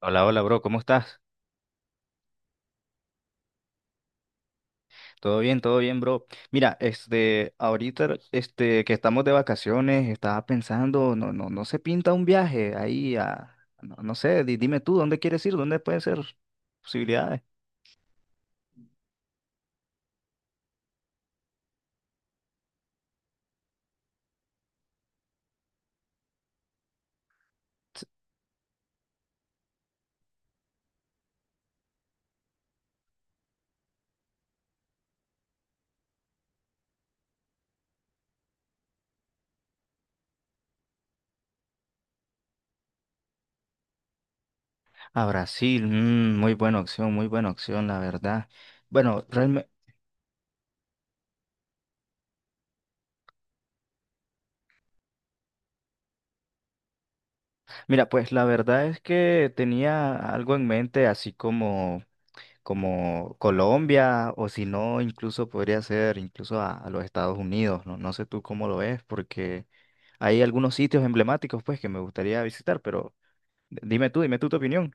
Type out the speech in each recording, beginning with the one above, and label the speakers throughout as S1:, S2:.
S1: Hola, hola, bro, ¿cómo estás? Todo bien, bro. Mira, este, ahorita, este, que estamos de vacaciones, estaba pensando, no se pinta un viaje ahí a, no, no sé, dime tú, ¿dónde quieres ir? ¿Dónde pueden ser posibilidades? A Brasil, muy buena opción, la verdad. Bueno, realmente, mira, pues la verdad es que tenía algo en mente, así como Colombia o si no, incluso podría ser incluso a los Estados Unidos, ¿no? No sé tú cómo lo ves, porque hay algunos sitios emblemáticos pues que me gustaría visitar, pero dime tú tu opinión.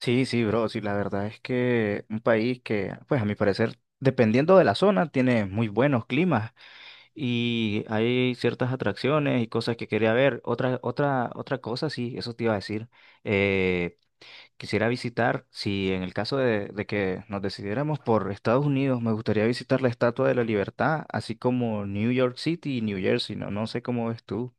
S1: Sí, sí, bro, sí, la verdad es que un país que, pues a mi parecer, dependiendo de la zona, tiene muy buenos climas y hay ciertas atracciones y cosas que quería ver. Otra cosa, sí, eso te iba a decir. eh, Quisiera visitar, si en el caso de que nos decidiéramos por Estados Unidos, me gustaría visitar la Estatua de la Libertad, así como New York City y New Jersey, ¿no? No sé cómo ves tú.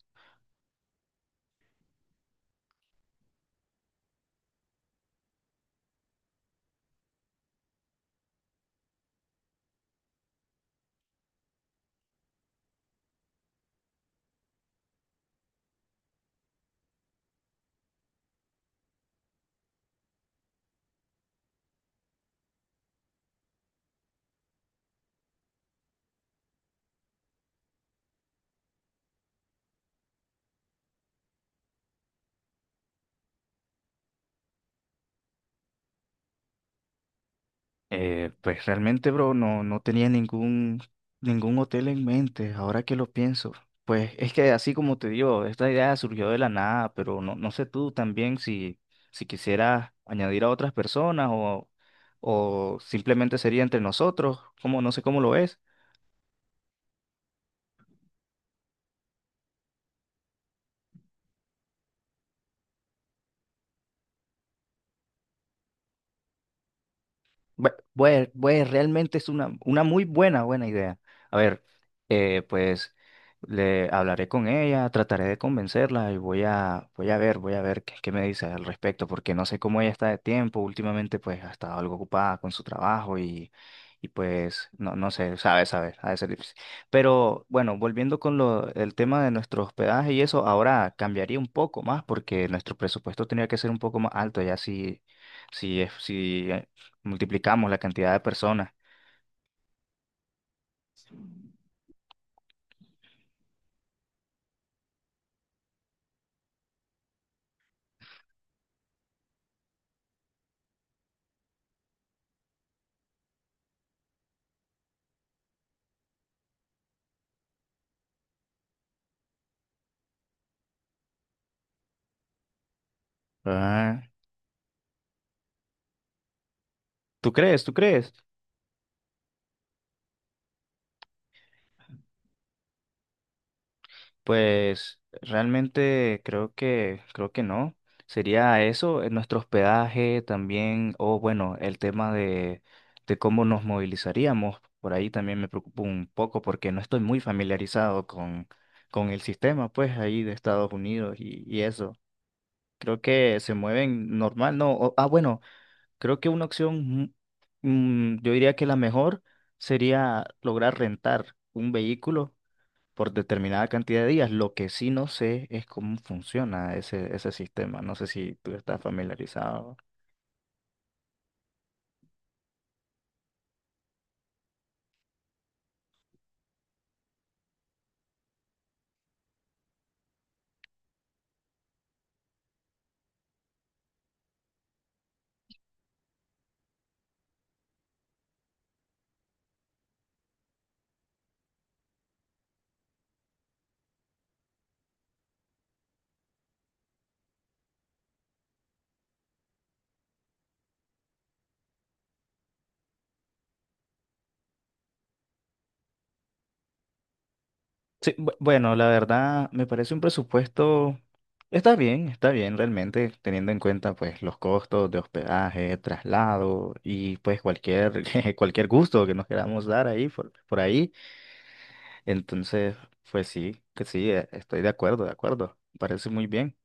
S1: Pues realmente, bro, no tenía ningún hotel en mente, ahora que lo pienso. Pues es que así como te digo, esta idea surgió de la nada, pero no, no sé tú también si, si quisieras añadir a otras personas o simplemente sería entre nosotros, como, no sé cómo lo ves. Realmente es una muy buena, buena idea. A ver, pues le hablaré con ella, trataré de convencerla y voy a ver qué, qué me dice al respecto, porque no sé cómo ella está de tiempo. Últimamente, pues ha estado algo ocupada con su trabajo y pues no, no sé, sabe, sabe, ha de ser difícil. Pero bueno, volviendo el tema de nuestro hospedaje y eso, ahora cambiaría un poco más porque nuestro presupuesto tenía que ser un poco más alto, ya si multiplicamos la cantidad de personas. Ah, ¿tú crees? ¿Tú crees? Pues realmente creo que no. Sería eso, nuestro hospedaje también, o bueno, el tema de cómo nos movilizaríamos. Por ahí también me preocupa un poco porque no estoy muy familiarizado con el sistema, pues, ahí de Estados Unidos y eso. Creo que se mueven normal, ¿no? Ah, bueno. Creo que una opción, mm, yo diría que la mejor sería lograr rentar un vehículo por determinada cantidad de días. Lo que sí no sé es cómo funciona ese, ese sistema. No sé si tú estás familiarizado. Sí, bueno, la verdad me parece un presupuesto, está bien realmente, teniendo en cuenta pues los costos de hospedaje, traslado y pues cualquier, cualquier gusto que nos queramos dar ahí por ahí. Entonces, pues sí, que sí, estoy de acuerdo, de acuerdo. Me parece muy bien.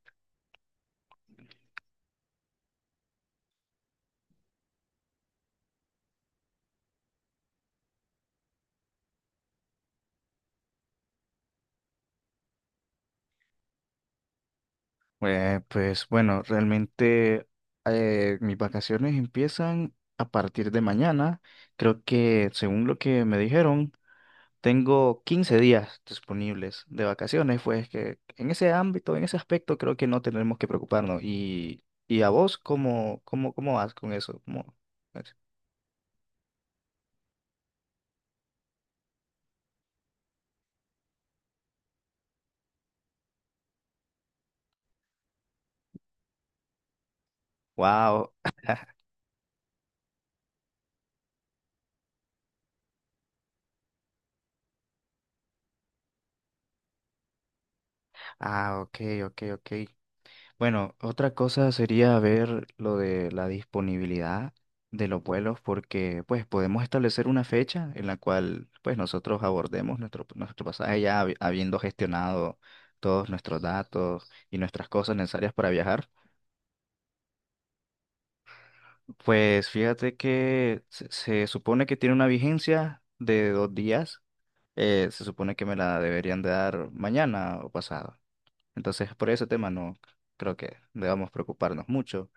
S1: Pues bueno, realmente mis vacaciones empiezan a partir de mañana. Creo que, según lo que me dijeron, tengo 15 días disponibles de vacaciones. Pues que en ese ámbito, en ese aspecto, creo que no tenemos que preocuparnos. Y a vos cómo, cómo, cómo vas con eso? ¿Cómo? Wow. Ah, ok, ok, ok. Bueno, otra cosa sería ver lo de la disponibilidad de los vuelos porque pues podemos establecer una fecha en la cual pues nosotros abordemos nuestro, nuestro pasaje ya habiendo gestionado todos nuestros datos y nuestras cosas necesarias para viajar. Pues fíjate que se supone que tiene una vigencia de 2 días. Se supone que me la deberían de dar mañana o pasado. Entonces por ese tema no creo que debamos preocuparnos mucho.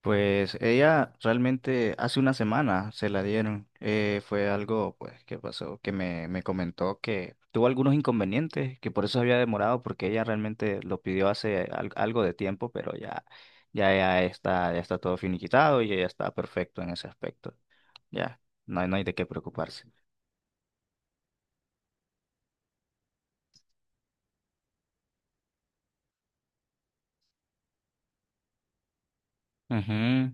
S1: Pues ella realmente hace una semana se la dieron. Fue algo pues que pasó, que me comentó que tuvo algunos inconvenientes, que por eso había demorado, porque ella realmente lo pidió hace algo de tiempo, pero ya, ya, ya está todo finiquitado y ella está perfecto en ese aspecto. Ya, no hay de qué preocuparse. Ujú.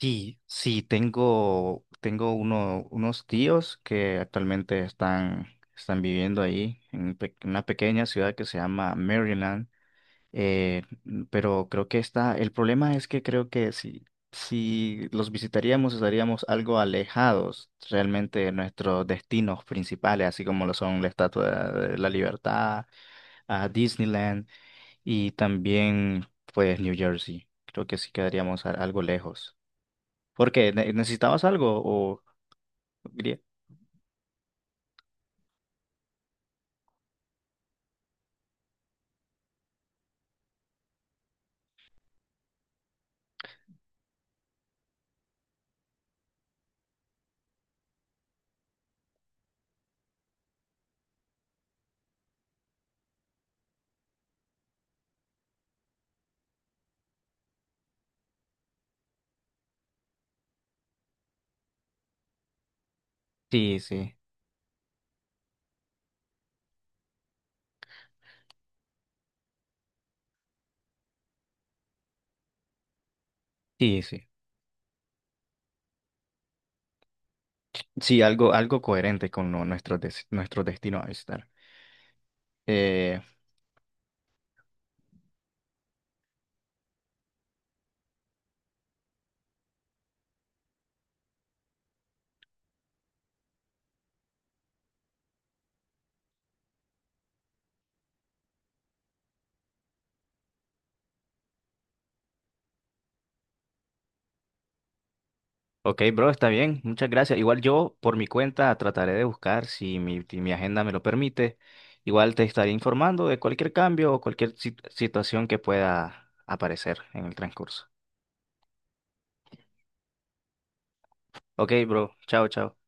S1: Sí, sí, tengo, tengo uno, unos tíos que actualmente están, están viviendo ahí en un una pequeña ciudad que se llama Maryland, pero creo que está, el problema es que creo que si, si los visitaríamos estaríamos algo alejados realmente de nuestros destinos principales, así como lo son la Estatua de la Libertad, a Disneyland y también pues New Jersey. Creo que sí quedaríamos algo lejos. ¿Por qué? ¿Necesitabas algo? O... diría... Sí, sí, sí, sí. Sí, algo, algo coherente con nuestro, nuestro destino a visitar. Eh, ok, bro, está bien. Muchas gracias. Igual yo, por mi cuenta, trataré de buscar, si mi, si mi agenda me lo permite. Igual te estaré informando de cualquier cambio o cualquier situación que pueda aparecer en el transcurso. Ok, bro. Chao, chao.